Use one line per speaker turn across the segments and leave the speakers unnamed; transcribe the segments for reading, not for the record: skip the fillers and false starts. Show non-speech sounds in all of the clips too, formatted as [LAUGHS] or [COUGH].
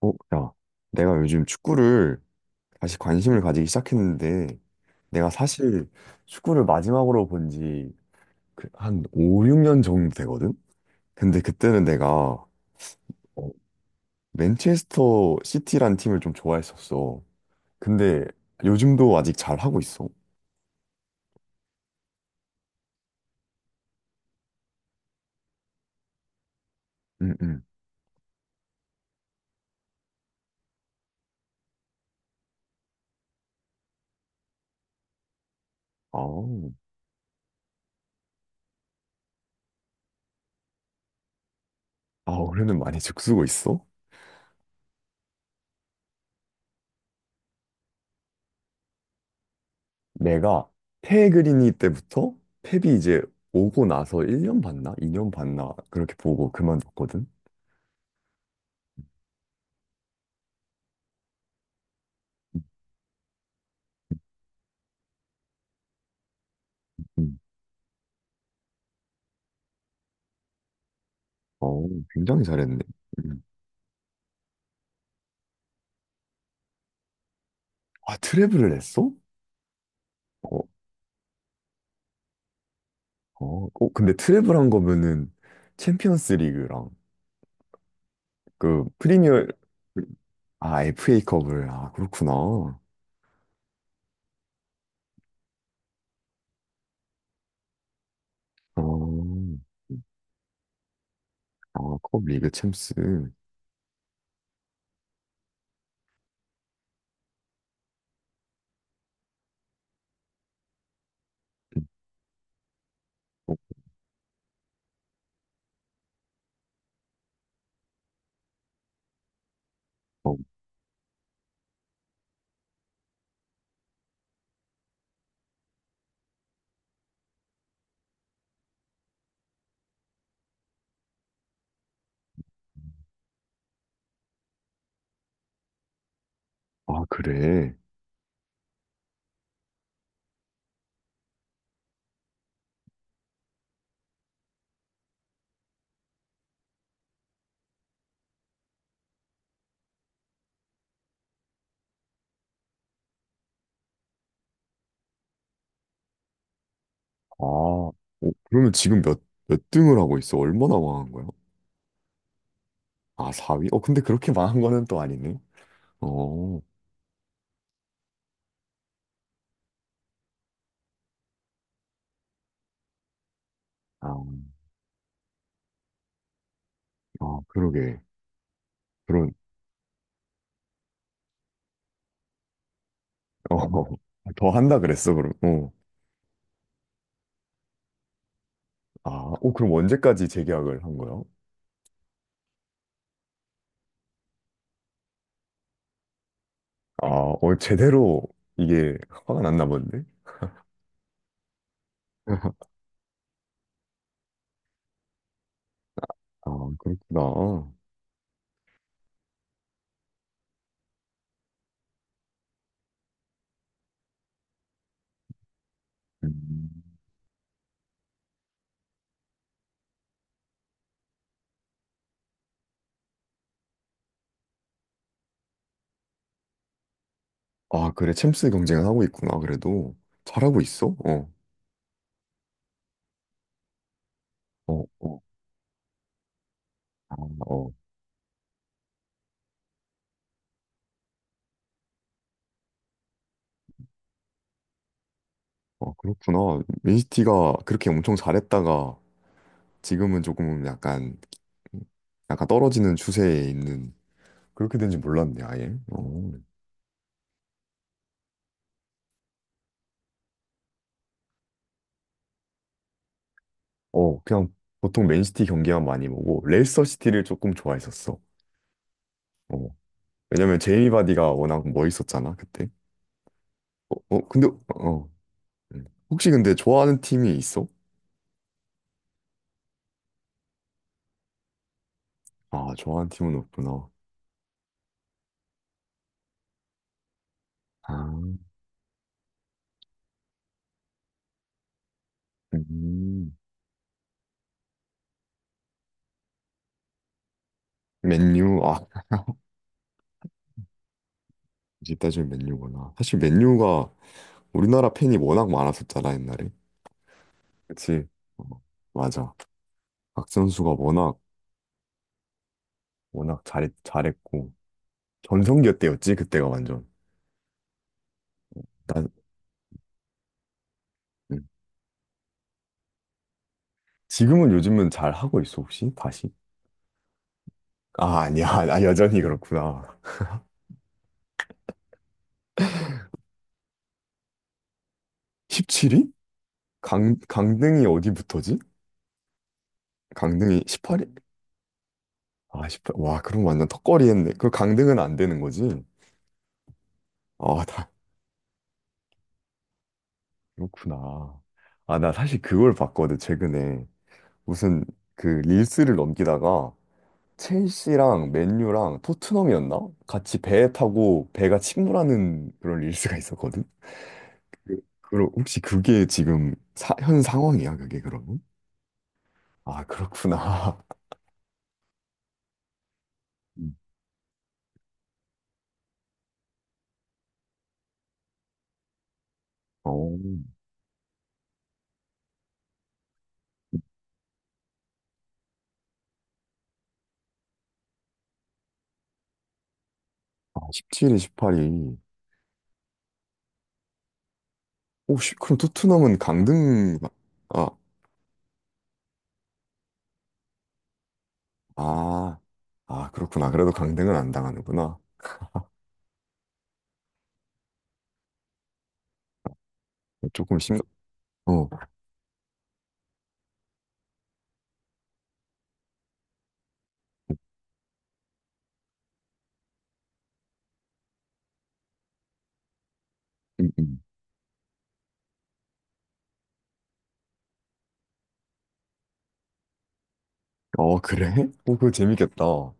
어, 야, 내가 요즘 축구를 다시 관심을 가지기 시작했는데, 내가 사실 축구를 마지막으로 본지 그 한 5, 6년 정도 되거든? 근데 그때는 내가 어, 맨체스터 시티란 팀을 좀 좋아했었어. 근데 요즘도 아직 잘 하고 있어. 응, 응. 아우, 아, 올해는 많이 죽쓰고 있어? 내가 페그리니 때부터 펩이 이제 오고 나서 1년 봤나? 2년 봤나? 그렇게 보고 그만뒀거든? 응. 어, 굉장히 잘했네. 음. 아, 트래블을 했어? 어, 어, 어, 근데 트래블 한 거면은 챔피언스 리그랑 그 프리미어, 아, FA컵을, 아, 그렇구나. 어, 아, 컵 리그 챔스. 어, 아, 그래. 아, 어, 그러면 지금 몇 등을 하고 있어? 얼마나 망한 거야? 아, 4위? 어, 근데 그렇게 망한 거는 또 아니네. 어, 아, 아, 그러게. 그런, 어, [LAUGHS] 더 한다 그랬어, 그럼. 어. 아, 어, 그럼 언제까지 재계약을 한 거야? 아, 어, 제대로 이게 화가 났나 본데? [LAUGHS] 아, 그렇구나. 음. 아, 그래. 챔스 경쟁을 하고 있구나. 그래도 잘하고 있어? 어, 어, 어, 아, 어, 어, 그렇구나. 맨시티가 그렇게 엄청 잘했다가 지금은 조금 약간, 약간 떨어지는 추세에 있는 그렇게 된지 몰랐네, 아예. 어, 어, 그냥 보통 맨시티 경기만 많이 보고 레이스터 시티를 조금 좋아했었어. 어. 왜냐면 제이미 바디가 워낙 멋있었잖아 그때. 어, 어, 근데 어. 혹시 근데 좋아하는 팀이 있어? 아, 좋아하는 팀은 없구나. 아. 음. 맨유. 아. 이제 따지면 맨유구나. 사실 맨유가 우리나라 팬이 워낙 많았었잖아 옛날에. 그치? 어, 맞아. 박 선수가 워낙 워낙 잘 잘했고 전성기 때였지 그때가 완전. 난. 음. 지금은 요즘은 잘 하고 있어 혹시 다시? 아, 아니야, 아, 여전히 그렇구나. 17위? 강등이 어디부터지? 강등이 18일? 아, 십팔, 와, 그럼 완전 턱걸이 했네. 그 강등은 안 되는 거지? 아, 다, 그렇구나. 아, 나 사실 그걸 봤거든, 최근에. 무슨, 그, 릴스를 넘기다가, 첼시랑 맨유랑 토트넘이었나? 같이 배 타고 배가 침몰하는 그런 릴스가 있었거든? 그, 그럼 혹시 그게 지금 현 상황이야, 그게 그러면? 아, 그렇구나. [LAUGHS] 음. 어, 아, 17일, 18일. 혹시 그럼 토트넘은 강등. 아, 아, 아, 그렇구나. 그래도 강등은 안 당하는구나. 조금 심. 어, 음, 음. 어 그래? 어 그거 재밌겠다. 어,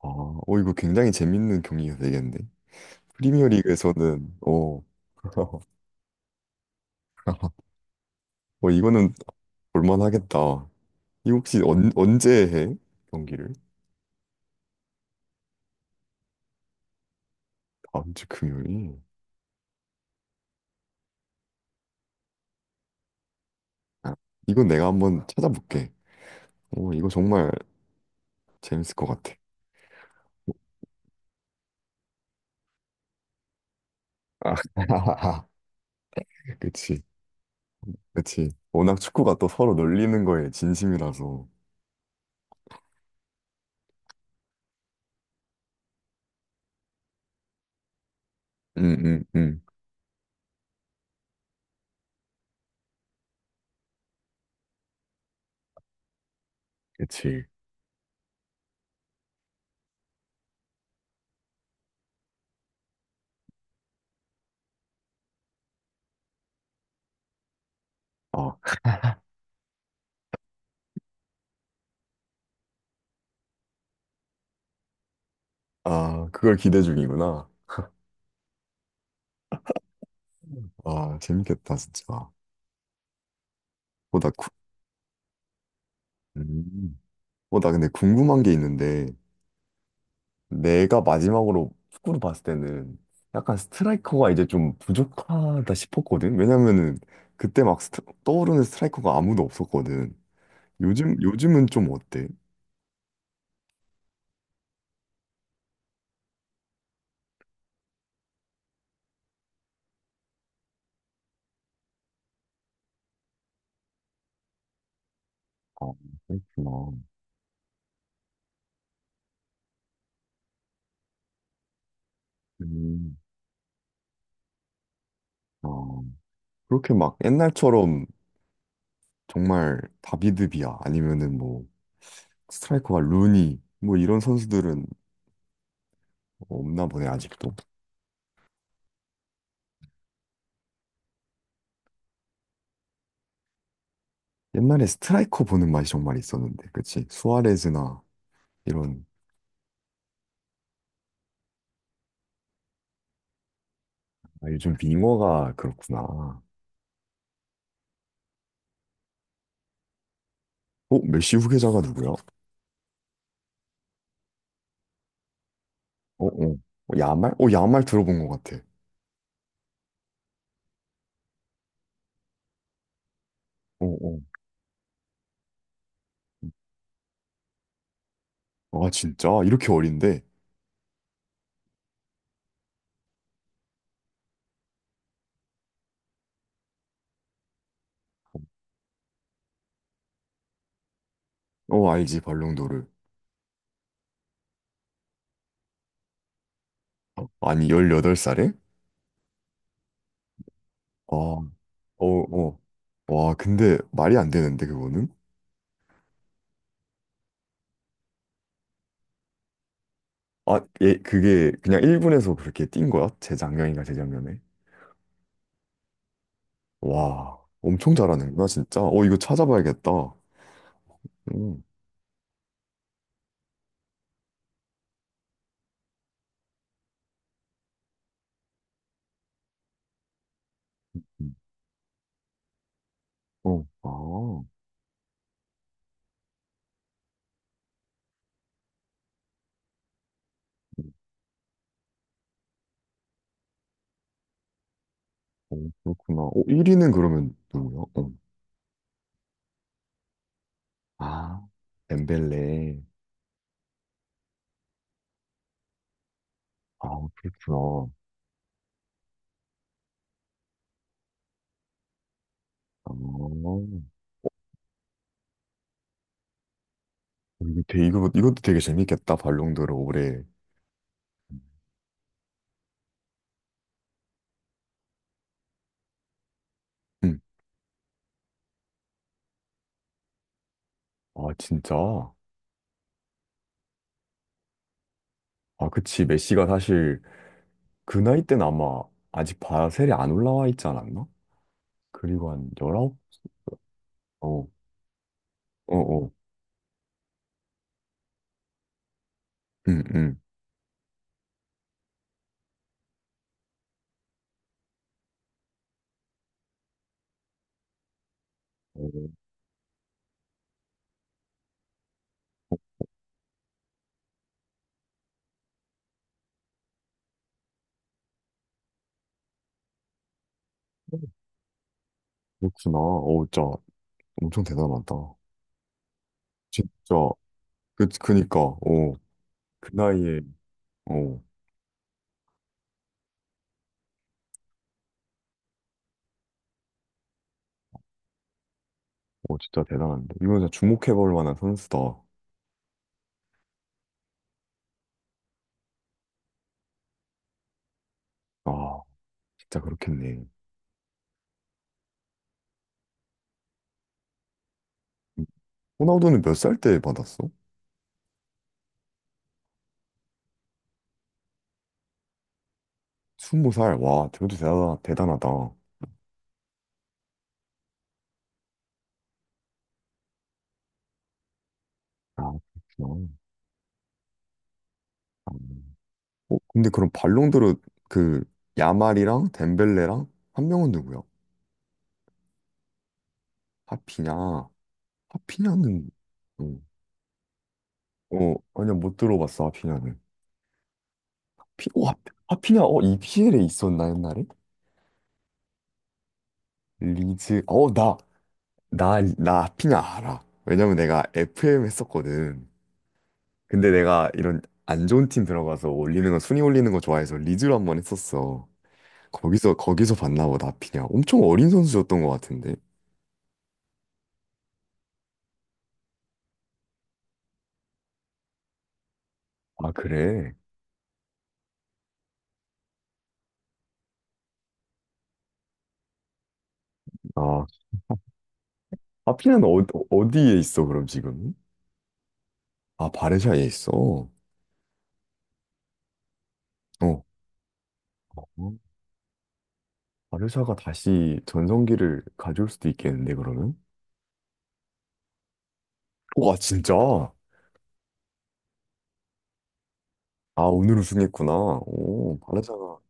아, 어 이거 굉장히 재밌는 경기가 되겠네. 프리미어리그에서는 어, [LAUGHS] 어 이거는 볼만하겠다. 이 혹시 언제 해? 경기를? 다음 주 금요일. 아, 이건 내가 한번 찾아볼게. 어 이거 정말 재밌을 것 같아. 아, [LAUGHS] 그치. 그치. 워낙 축구가 또 서로 놀리는 거에 진심이라서. 응, 응, 응. 그치. 아, 아, 그걸 기대 중이구나. 아, 재밌겠다, 진짜. 어, 나, 구, 음. 어, 나 근데 궁금한 게 있는데, 내가 마지막으로 축구를 봤을 때는 약간 스트라이커가 이제 좀 부족하다 싶었거든? 왜냐면은, 그때 막 떠오르는 스트라이커가 아무도 없었거든. 요즘, 요즘은 좀 어때? 아, 그렇구나. 음, 아, 그렇게 막 옛날처럼 정말 다비드비아 아니면은 뭐 스트라이커가 루니 뭐 이런 선수들은 없나 보네 아직도. 옛날에 스트라이커 보는 맛이 정말 있었는데, 그치? 수아레즈나 이런. 아, 요즘 윙어가 그렇구나. 어, 메시 후계자가 누구야? 어, 어, 어, 야말? 어, 야말 들어본 것 같아. 어, 어. 아, 진짜? 이렇게 어린데? 어, 알지, 발롱도르. 아니, 18살에? 아, 어, 어. 와, 근데 말이 안 되는데, 그거는? 아, 예, 그게 그냥 1분에서 그렇게 뛴 거야? 재작년인가 재작년에? 와, 엄청 잘하는구나, 진짜. 어, 이거 찾아봐야겠다. 음, 음, 어, 아, 음, 어, 그렇구나. 어, 1위는 그러면 누구야? 어. 아, 엠벨레. 아, 그렇구나. 아, 어, 이거 되게, 이것도 되게 재밌겠다, 발롱도르 올해. 음, 아, 진짜? 아, 그치. 메시가 사실 그 나이 때는 아마 아직 바셀에 안 올라와 있지 않았나? 그리고 한 19? 어, 어, 응, 응. 어, 그렇구나. 어, 진짜 엄청 대단하다. 진짜 그니까 어, 그 나이에 어, 어 진짜 대단한데. 이건 진짜 주목해볼 만한 선수다. 아, 진짜 그렇겠네. 호나우두는 몇 살 때 받았어? 20살. 와, 대단하다. 아, 그렇구나. 아, 어, 근데 그럼 발롱도르 그 야말이랑 덴벨레랑 한 명은 누구야? 하피냐? 하피냐는. 어. 어, 아니야, 못 들어봤어, 하피냐는. 피, 오, 하, 피냐. 어, EPL에 있었나, 옛날에? 리즈, 어, 나 하피냐 알아. 왜냐면 내가 FM 했었거든. 근데 내가 이런 안 좋은 팀 들어가서 올리는 거, 순위 올리는 거 좋아해서 리즈로 한 번 했었어. 거기서 봤나 보다, 하피냐. 엄청 어린 선수였던 것 같은데. 아, 그래? 아, 하피냐는 어, 어디에 있어, 그럼 지금? 아, 바르샤에 있어. 어. 어. 바르샤가 다시 전성기를 가져올 수도 있겠는데, 그러면? 와, 진짜? 아, 오늘 우승했구나. 오, 바르샤가.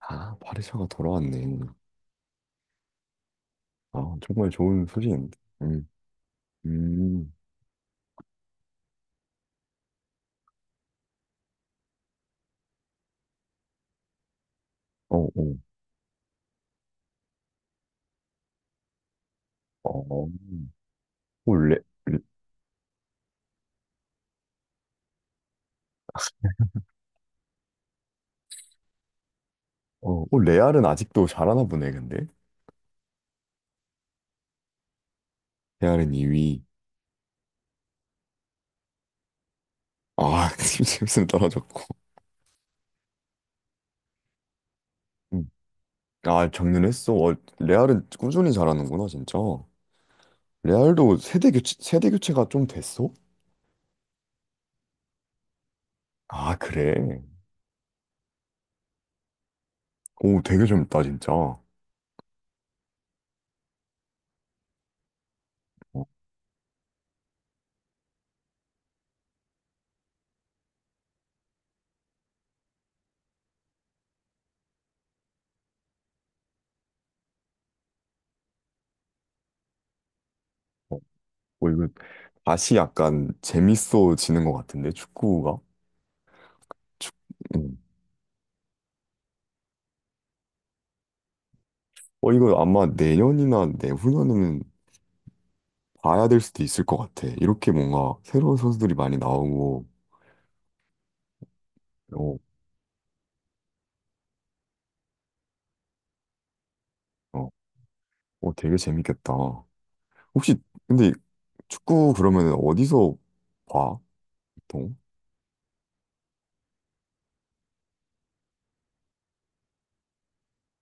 아, 바르샤가 돌아왔네. 아, 정말 좋은 소식인데. 음, 음, 어, 어, 어. 오, 레, 레, 어, 오, 레알은 아직도 잘하나 보네, 근데. 레알은 2위. 아, [LAUGHS] 팀 챔스는 떨어졌고. 음. 아, 정년했어. 어, 레알은 꾸준히 잘하는구나, 진짜. 레알도 세대 교체가 좀 됐어? 아, 그래. 오, 되게 젊다, 진짜. 어, 어. 어 이거 다시 약간 재밌어지는 것 같은데 축구가. 음. 어 이거 아마 내년이나 내후년에는 봐야 될 수도 있을 것 같아. 이렇게 뭔가 새로운 선수들이 많이 나오고. 어, 어, 어 되게 재밌겠다. 혹시 근데 축구 그러면 어디서 봐 보통?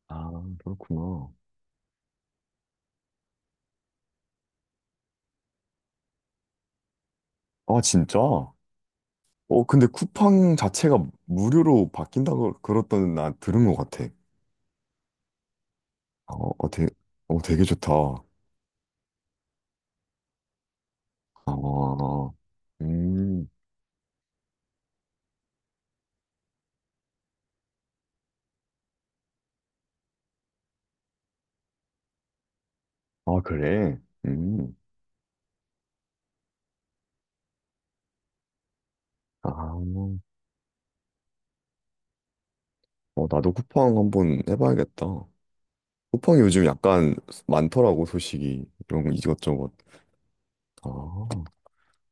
아, 그렇구나. 아, 진짜? 어, 근데 쿠팡 자체가 무료로 바뀐다고 그랬던 나 들은 것 같아. 어, 어, 되, 어 되게 좋다. 어, 음, 아, 그래? 음, 아, 어, 나도 쿠팡 한번 해봐야겠다. 쿠팡이 요즘 약간 많더라고, 소식이. 이런 거 이것저것. 아,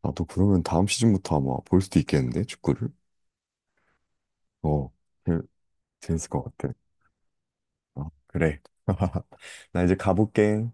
나도 그러면 다음 시즌부터 아마 볼 수도 있겠는데, 축구를? 어, 그, 재밌을 것 같아. 아, 그래. [LAUGHS] 나 이제 가볼게.